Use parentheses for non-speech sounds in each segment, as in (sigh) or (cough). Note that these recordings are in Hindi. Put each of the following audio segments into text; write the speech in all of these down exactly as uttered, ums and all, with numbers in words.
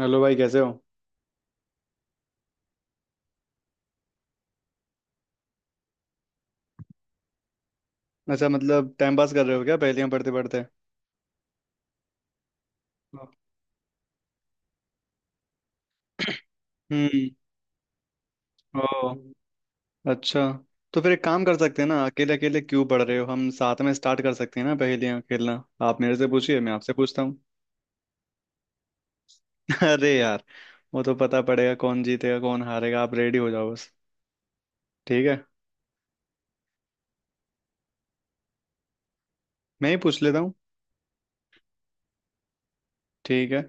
हेलो भाई, कैसे हो। अच्छा, मतलब टाइम पास कर रहे हो क्या पहेलियां पढ़ते पढ़ते। हम्म। ओ, अच्छा। तो फिर एक काम कर सकते हैं ना, अकेले अकेले क्यों पढ़ रहे हो, हम साथ में स्टार्ट कर सकते हैं ना पहेलियां खेलना। आप मेरे से पूछिए, मैं आपसे पूछता हूँ। (laughs) अरे यार, वो तो पता पड़ेगा कौन जीतेगा कौन हारेगा, आप रेडी हो जाओ बस। ठीक है। मैं ही पूछ लेता हूँ। ठीक है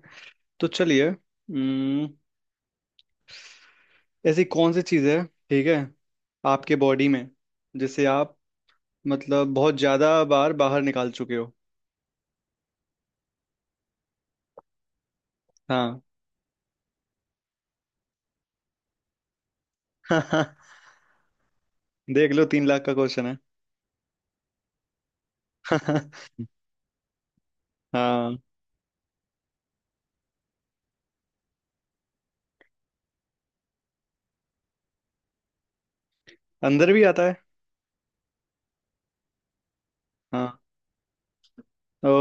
तो चलिए, हम्म, ऐसी कौन सी चीज़ है, ठीक है, आपके बॉडी में जिसे आप, मतलब, बहुत ज़्यादा बार बाहर निकाल चुके हो। हाँ। (laughs) देख लो, तीन लाख का क्वेश्चन है। (laughs) हाँ, अंदर भी आता है। हाँ। ओ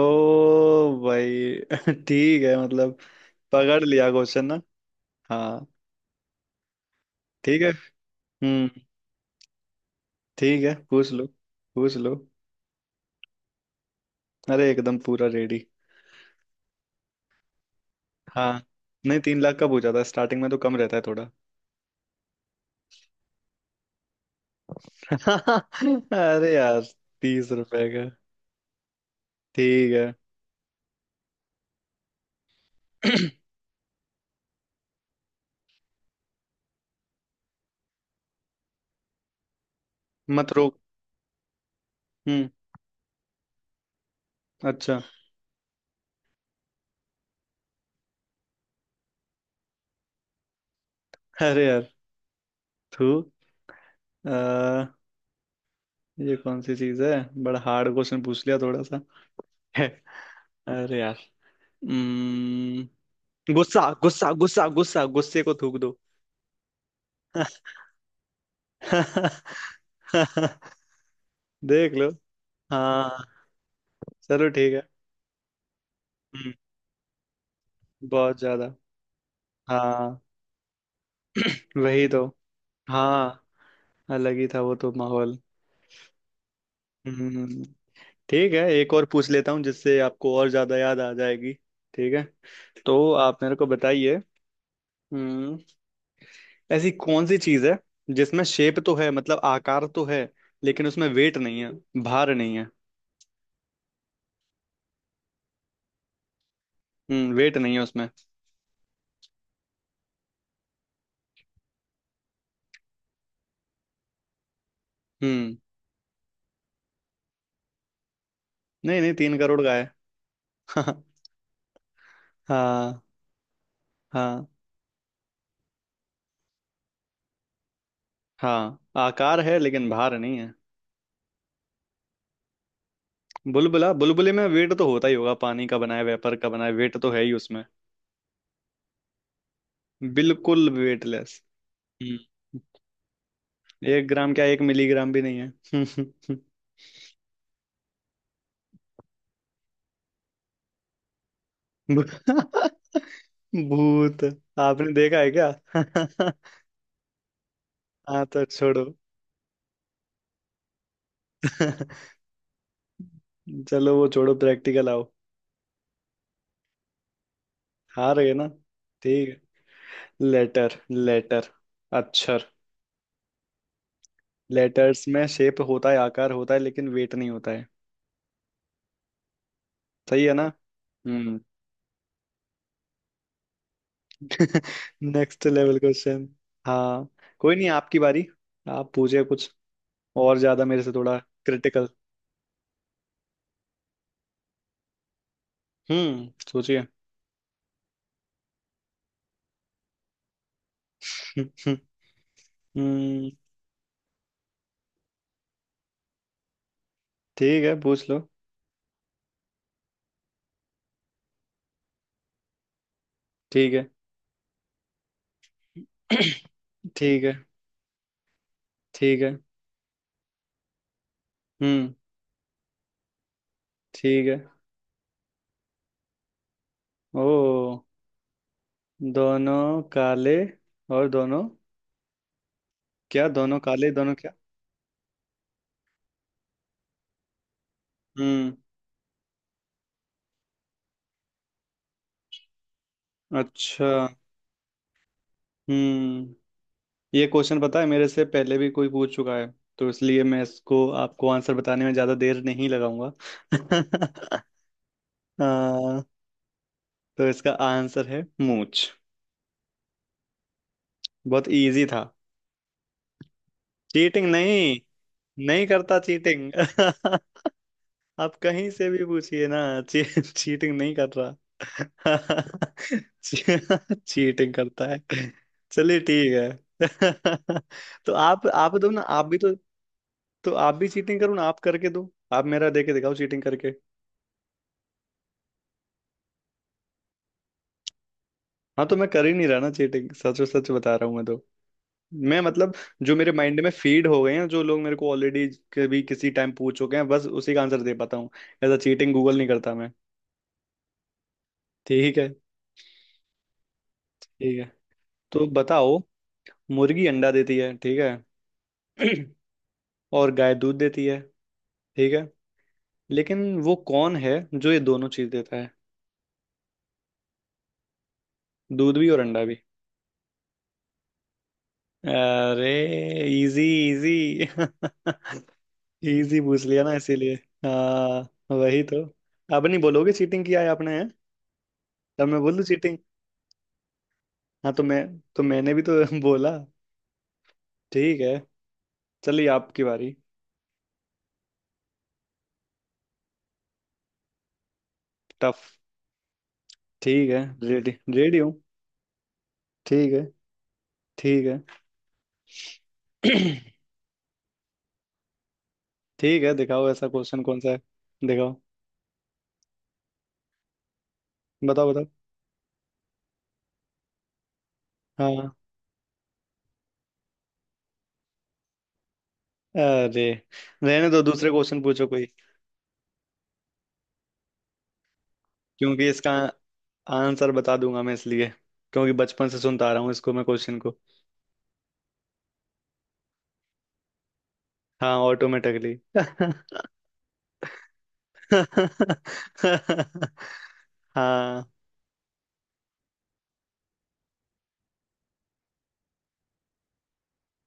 भाई, (laughs) ठीक है, मतलब पकड़ लिया क्वेश्चन ना। हाँ। ठीक है। हम्म। ठीक है, पूछ लो। पूछ लो। अरे एकदम पूरा रेडी। हाँ, नहीं तीन लाख का पूछा था, स्टार्टिंग में तो कम रहता है थोड़ा। (laughs) अरे यार, तीस रुपए का। ठीक है। (clears throat) मत रोक। हम्म। अच्छा। अरे यार, थू, ये कौन सी चीज है, बड़ा हार्ड क्वेश्चन पूछ लिया थोड़ा सा। (laughs) अरे यार। हम्म, गुस्सा गुस्सा गुस्सा गुस्सा गुस्से को थूक दो। (laughs) देख लो। हाँ, चलो ठीक है। हम्म, बहुत ज्यादा। हाँ वही तो। हाँ अलग ही था वो तो माहौल। हम्म। ठीक है, एक और पूछ लेता हूँ जिससे आपको और ज्यादा याद आ जाएगी। ठीक है, तो आप मेरे को बताइए। हम्म। ऐसी कौन सी चीज है जिसमें शेप तो है, मतलब आकार तो है, लेकिन उसमें वेट नहीं है, भार नहीं है। हम्म, वेट नहीं है उसमें। हम्म, नहीं नहीं तीन करोड़ का है। (laughs) हाँ हाँ। हाँ, आकार है लेकिन भार नहीं है। बुलबुला, बुलबुले में वेट तो होता ही होगा, पानी का बनाया, वेपर का बनाया, वेट तो है ही उसमें। बिल्कुल वेटलेस। हम्म। एक ग्राम क्या, एक मिलीग्राम भी नहीं है। (laughs) भू- (laughs) भूत, आपने देखा है क्या। (laughs) हाँ तो छोड़ो। (laughs) चलो वो छोड़ो, प्रैक्टिकल आओ। हार गए ना। ठीक है। लेटर लेटर अक्षर। लेटर्स में शेप होता है, आकार होता है, लेकिन वेट नहीं होता है। सही है ना। हम्म। (laughs) Next level question. हाँ, कोई नहीं आपकी बारी, आप पूछिए कुछ और ज्यादा मेरे से, थोड़ा क्रिटिकल। हम्म, सोचिए। (laughs) हम्म। ठीक है, पूछ लो। ठीक है। (clears throat) ठीक है। ठीक है। हम्म। ठीक है। ओ, दोनों काले, और दोनों क्या, दोनों काले दोनों क्या। हम्म। अच्छा। हम्म। ये क्वेश्चन पता है मेरे से पहले भी कोई पूछ चुका है, तो इसलिए मैं इसको आपको आंसर बताने में ज्यादा देर नहीं लगाऊंगा। (laughs) आ, तो इसका आंसर है मूंछ। बहुत इजी था। चीटिंग नहीं, नहीं करता चीटिंग। (laughs) आप कहीं से भी पूछिए ना। ची, चीटिंग नहीं कर रहा। (laughs) ची, चीटिंग करता है। चलिए ठीक है। (laughs) तो आप आप दो ना, आप भी तो। तो आप भी चीटिंग करो ना, आप करके दो, आप मेरा देके दिखाओ चीटिंग करके। हाँ तो मैं कर ही नहीं रहा ना चीटिंग, सच सच बता रहा हूँ मैं तो। मैं मतलब, जो मेरे माइंड में फीड हो गए हैं, जो लोग मेरे को ऑलरेडी कभी किसी टाइम पूछ चुके हैं, बस उसी का आंसर दे पाता हूँ। ऐसा चीटिंग गूगल नहीं करता मैं। ठीक है। ठीक है, तो बताओ, मुर्गी अंडा देती है, ठीक है। (clears throat) और गाय दूध देती है, ठीक है। लेकिन वो कौन है जो ये दोनों चीज देता है, दूध भी और अंडा भी। अरे इजी, इजी, इजी। (laughs) पूछ लिया ना इसीलिए। हाँ वही तो। अब नहीं बोलोगे चीटिंग किया है आपने, हैं? तब मैं बोल दूं चीटिंग। हाँ तो मैं, तो मैंने भी तो (laughs) बोला। ठीक है। चलिए आपकी बारी। टफ। ठीक है, रेडी रेडी हूँ। ठीक है। ठीक है। (clears throat) ठीक है, दिखाओ ऐसा क्वेश्चन कौन सा है। दिखाओ। बताओ बताओ। हाँ, अरे रहने दो, दूसरे क्वेश्चन पूछो कोई। क्योंकि इसका आंसर बता दूंगा मैं इसलिए, क्योंकि बचपन से सुनता आ रहा हूँ इसको मैं, क्वेश्चन को। हाँ, ऑटोमेटिकली। (laughs) हाँ।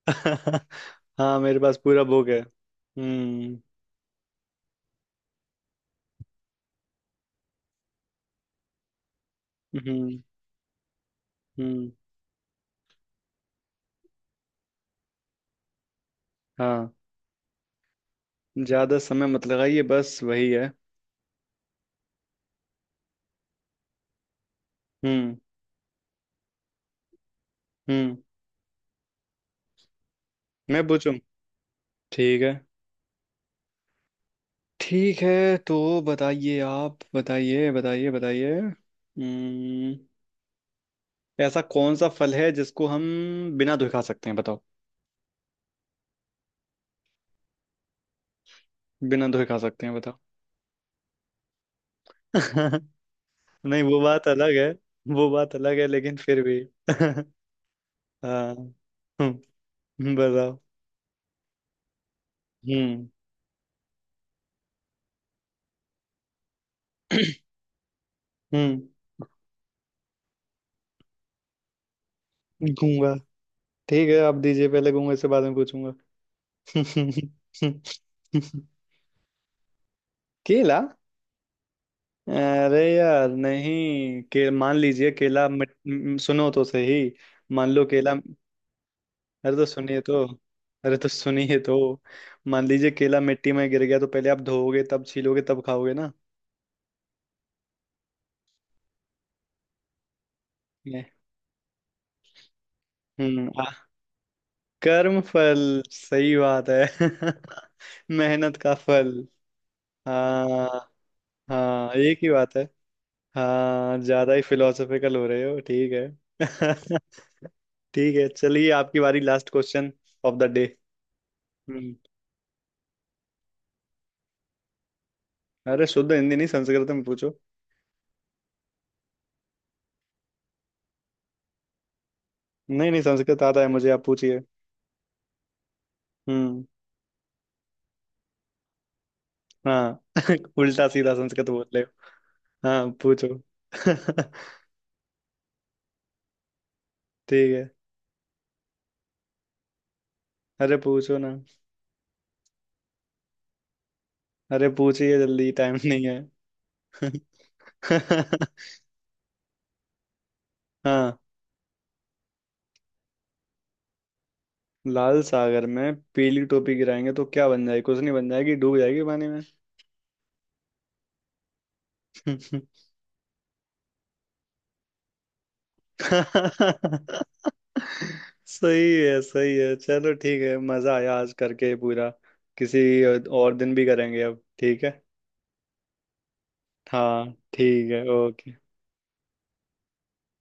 (laughs) हाँ मेरे पास पूरा बुक है। हम्म। हम्म। हम्म। हाँ ज्यादा समय मत लगाइए, बस वही है। हम्म। हम्म। मैं पूछूं। ठीक है। ठीक है, तो बताइए, आप बताइए बताइए बताइए। हम्म, ऐसा कौन सा फल है जिसको हम बिना धोए खा सकते हैं, बताओ। बिना धोए खा सकते हैं, बताओ। (laughs) नहीं वो बात अलग है। वो बात अलग है लेकिन फिर भी। (laughs) हाँ। हम्म, हम्म, बताओ। हम्म। (clears throat) हम्म। गूंगा। ठीक है, आप दीजिए, पहले गूंगा, इससे बाद में पूछूंगा। (laughs) केला। अरे यार नहीं, के मान लीजिए केला मिट, म- सुनो तो सही, मान लो केला। अरे तो सुनिए तो। अरे तो सुनिए तो। मान लीजिए केला मिट्टी में गिर गया, तो पहले आप धोओगे, तब छीलोगे, तब खाओगे ना। ये, हम्म आ, कर्म फल, सही बात है। (laughs) मेहनत का फल। हाँ। हाँ एक ही बात है। हाँ ज्यादा ही फिलोसफिकल हो रहे हो, ठीक है। (laughs) ठीक है, चलिए आपकी बारी, last question of the day. अरे शुद्ध हिंदी नहीं, संस्कृत में पूछो। नहीं नहीं, संस्कृत आता है मुझे, आप पूछिए। हम्म। हाँ। (laughs) उल्टा सीधा संस्कृत बोल रहे हो। हाँ पूछो। (laughs) ठीक है। अरे पूछो ना। अरे पूछिए जल्दी, टाइम नहीं है। (laughs) हाँ, लाल सागर में पीली टोपी गिराएंगे तो क्या बन जाएगी, कुछ नहीं बन जाएगी, डूब जाएगी पानी में। (laughs) सही है, सही है, चलो ठीक है, मजा आया आज करके पूरा। किसी और दिन भी करेंगे अब, ठीक है। हाँ ठीक है, ओके।